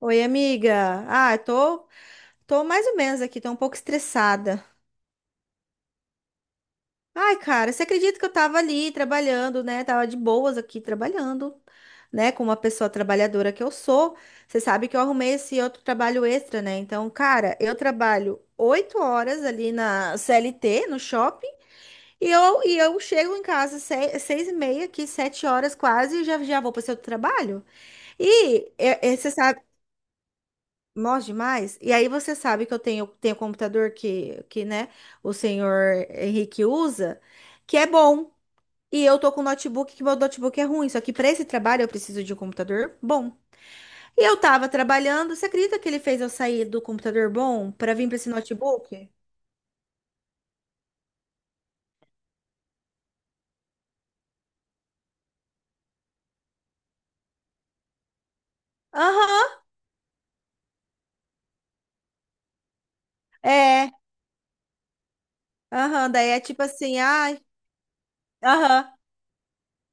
Oi, amiga. Ah, eu tô mais ou menos aqui, tô um pouco estressada. Ai, cara, você acredita que eu tava ali trabalhando, né? Tava de boas aqui trabalhando, né? Com uma pessoa trabalhadora que eu sou. Você sabe que eu arrumei esse outro trabalho extra, né? Então, cara, eu trabalho 8 horas ali na CLT, no shopping, e eu chego em casa 6h30, aqui, 7 horas quase, e já, já vou para o outro trabalho. E você Mós demais. E aí você sabe que eu tenho computador que, né, o senhor Henrique usa, que é bom. E eu tô com notebook, que meu notebook é ruim. Só que para esse trabalho eu preciso de um computador bom. E eu tava trabalhando, você acredita que ele fez eu sair do computador bom para vir para esse notebook? Aham, é. Aham, daí é tipo assim, ai. Aham.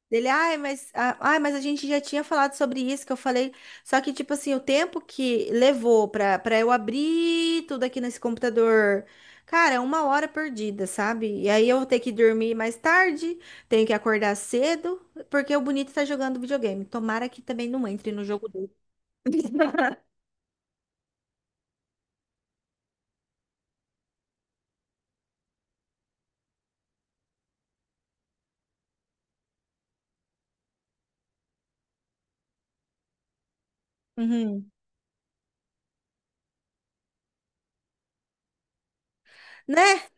Dele, ai, mas, ah, ai, mas a gente já tinha falado sobre isso que eu falei. Só que, tipo assim, o tempo que levou pra eu abrir tudo aqui nesse computador, cara, é uma hora perdida, sabe? E aí eu vou ter que dormir mais tarde, tenho que acordar cedo, porque o bonito tá jogando videogame. Tomara que também não entre no jogo dele. Uhum. Né?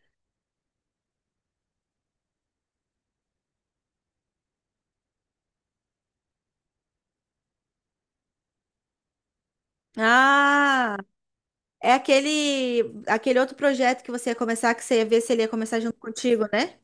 Ah, é aquele outro projeto que você ia começar, que você ia ver se ele ia começar junto contigo, né?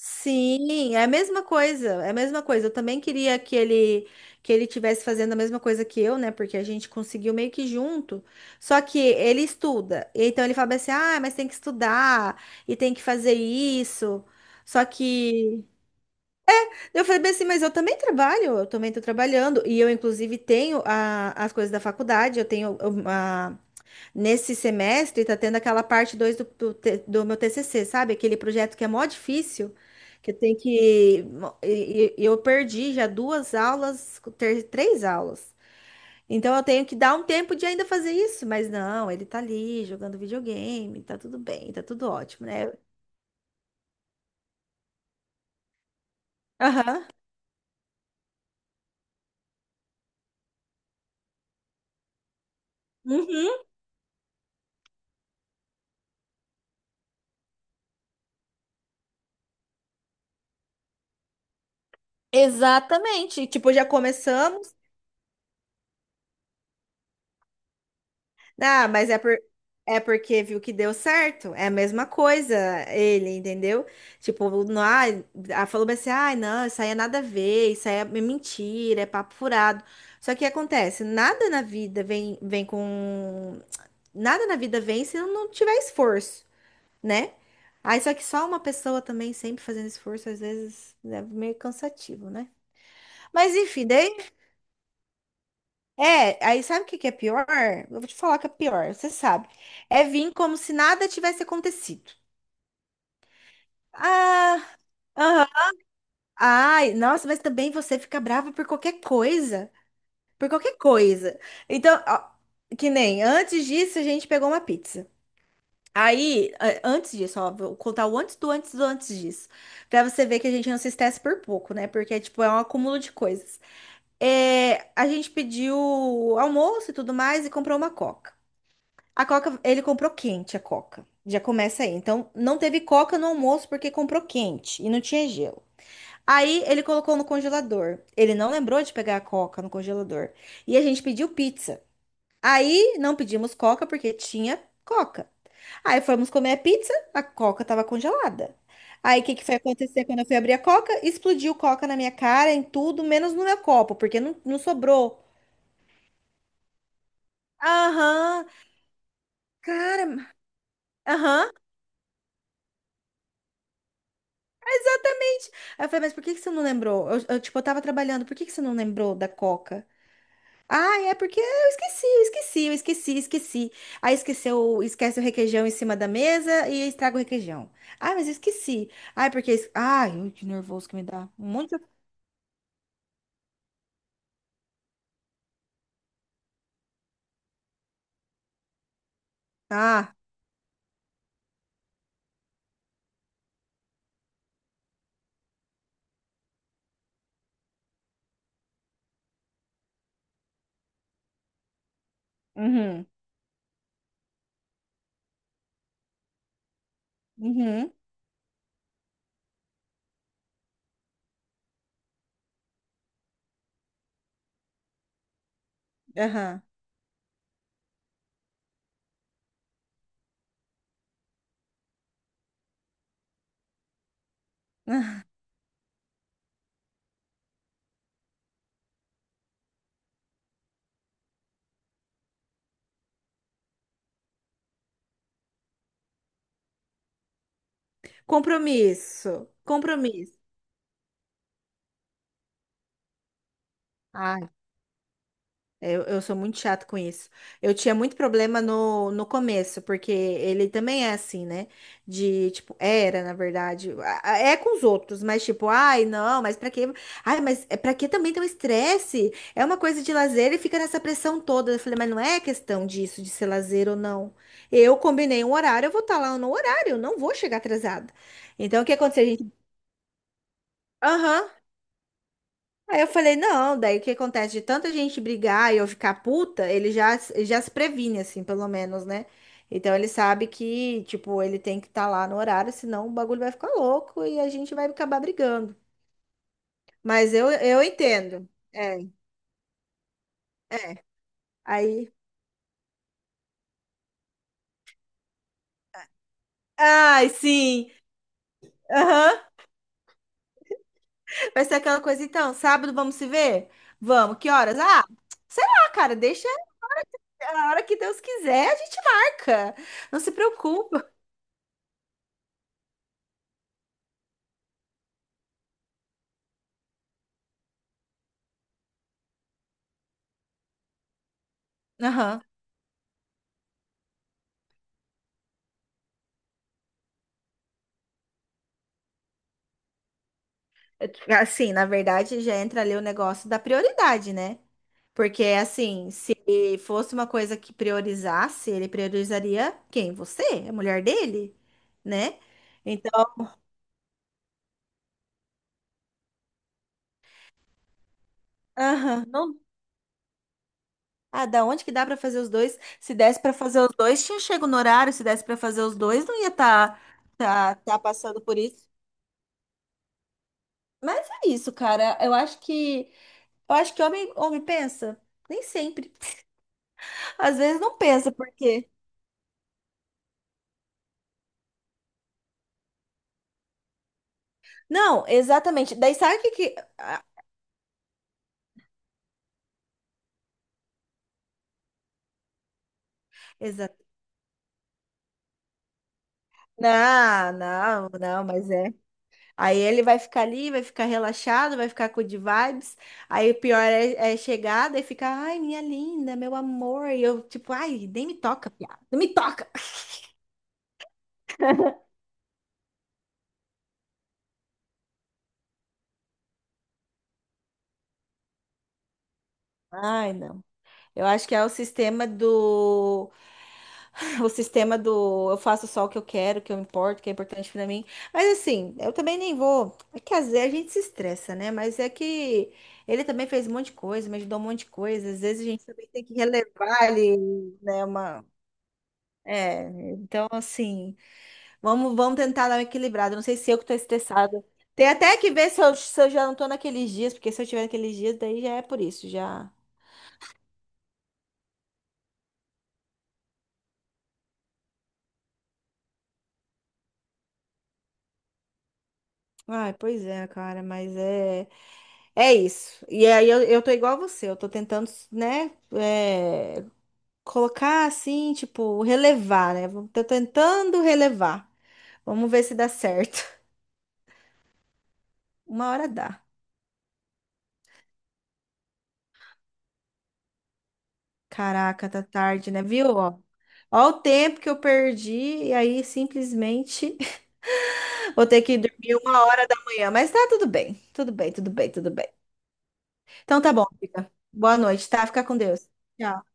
Sim, é a mesma coisa, é a mesma coisa. Eu também queria que ele tivesse fazendo a mesma coisa que eu, né? Porque a gente conseguiu meio que junto. Só que ele estuda, e então ele fala assim: "Ah, mas tem que estudar e tem que fazer isso". Só que eu falei bem assim, mas eu também trabalho, eu também estou trabalhando e eu inclusive tenho as coisas da faculdade, eu tenho. Nesse semestre, tá tendo aquela parte 2 do, do meu TCC, sabe? Aquele projeto que é mó difícil, que tem que. Eu perdi já duas aulas, três aulas. Então eu tenho que dar um tempo de ainda fazer isso, mas não, ele tá ali jogando videogame, tá tudo bem, tá tudo ótimo, né? Aham. Uhum. Exatamente. Tipo, já começamos. Ah, mas é porque viu que deu certo. É a mesma coisa, ele, entendeu? Tipo, não, ai, ah, falou bem assim, ai, não, isso aí é nada a ver, isso aí é mentira, é papo furado. Só que acontece, nada na vida vem, vem com. Nada na vida vem se não tiver esforço, né? Aí só que só uma pessoa também sempre fazendo esforço, às vezes é meio cansativo, né? Mas enfim, daí. É, aí sabe o que que é pior? Eu vou te falar que é pior, você sabe. É vir como se nada tivesse acontecido. Ah, aham. Ai, nossa, mas também você fica brava por qualquer coisa. Por qualquer coisa. Então, ó, que nem antes disso a gente pegou uma pizza. Aí, antes disso, ó, vou contar o antes do antes do antes disso. Pra você ver que a gente não se estressa por pouco, né? Porque, tipo, é um acúmulo de coisas. É, a gente pediu almoço e tudo mais e comprou uma coca. A Coca, ele comprou quente a Coca. Já começa aí. Então, não teve Coca no almoço porque comprou quente e não tinha gelo. Aí ele colocou no congelador. Ele não lembrou de pegar a Coca no congelador. E a gente pediu pizza. Aí não pedimos Coca porque tinha Coca. Aí fomos comer a pizza, a Coca estava congelada. Aí o que que foi acontecer quando eu fui abrir a Coca? Explodiu Coca na minha cara, em tudo, menos no meu copo, porque não sobrou. Aham, cara, aham. Exatamente. Aí eu falei, mas por que que você não lembrou? Eu, tipo, eu tava trabalhando, por que que você não lembrou da Coca? Ah, é porque eu esqueci, eu esqueci, eu esqueci, esqueci. Aí esqueceu, esquece o requeijão em cima da mesa e estraga o requeijão. Ah, mas eu esqueci. Ah, é porque ai, ui, que nervoso que me dá. Um monte de. Ah, uhum, uhum, aham. Compromisso, compromisso. Ah, é, eu sou muito chato com isso. Eu tinha muito problema no começo, porque ele também é assim, né? De, tipo, era, na verdade. É com os outros, mas tipo, ai, não, mas pra quê? Ai, mas é pra que também ter um estresse? É uma coisa de lazer e fica nessa pressão toda. Eu falei, mas não é questão disso, de ser lazer ou não. Eu combinei um horário, eu vou estar lá no horário, eu não vou chegar atrasada. Então, o que aconteceu? A gente. Aham. Aí eu falei, não, daí o que acontece? De tanta gente brigar e eu ficar puta, ele já se previne, assim, pelo menos, né? Então ele sabe que, tipo, ele tem que estar lá no horário, senão o bagulho vai ficar louco e a gente vai acabar brigando. Mas eu entendo. É, é. Aí. Ai, sim! Aham. Vai ser aquela coisa, então, sábado vamos se ver? Vamos, que horas? Ah, sei lá, cara, deixa a hora que Deus quiser, a gente marca. Não se preocupa. Aham. Assim, na verdade, já entra ali o negócio da prioridade, né? Porque, assim, se fosse uma coisa que priorizasse, ele priorizaria quem? Você? A mulher dele, né? Então, aham, não. Ah, da onde que dá pra fazer os dois? Se desse pra fazer os dois, tinha chego no horário. Se desse pra fazer os dois, não ia tá passando por isso. Mas é isso, cara. Eu acho que homem, homem pensa. Nem sempre. Às vezes não pensa, porque. Não, exatamente. Daí sabe o que que. Ah, exa- não, não, não, mas é. Aí ele vai ficar ali, vai ficar relaxado, vai ficar com de vibes. Aí o pior é chegar, daí fica, ai, minha linda, meu amor. E eu, tipo, ai, nem me toca, piada, não me toca. Ai, não. Eu acho que é o sistema do. O sistema do eu faço só o que eu quero, o que eu importo, o que é importante pra mim. Mas assim, eu também nem vou. É que às vezes a gente se estressa, né? Mas é que ele também fez um monte de coisa, me ajudou um monte de coisa. Às vezes a gente também tem que relevar ali, né? Uma. É, então assim, vamos tentar dar uma equilibrada. Não sei se eu que tô estressada. Tem até que ver se eu já não tô naqueles dias, porque se eu tiver naqueles dias, daí já é por isso, já. Ai, pois é, cara, mas é. É isso. E aí eu tô igual a você, eu tô tentando, né, é, colocar assim, tipo, relevar, né? Tô tentando relevar. Vamos ver se dá certo. Uma hora dá. Caraca, tá tarde, né? Viu? Ó o tempo que eu perdi e aí simplesmente vou ter que dormir 1 hora da manhã. Mas tá tudo bem, tudo bem, tudo bem, tudo bem. Então tá bom, fica. Boa noite, tá? Fica com Deus. Tchau.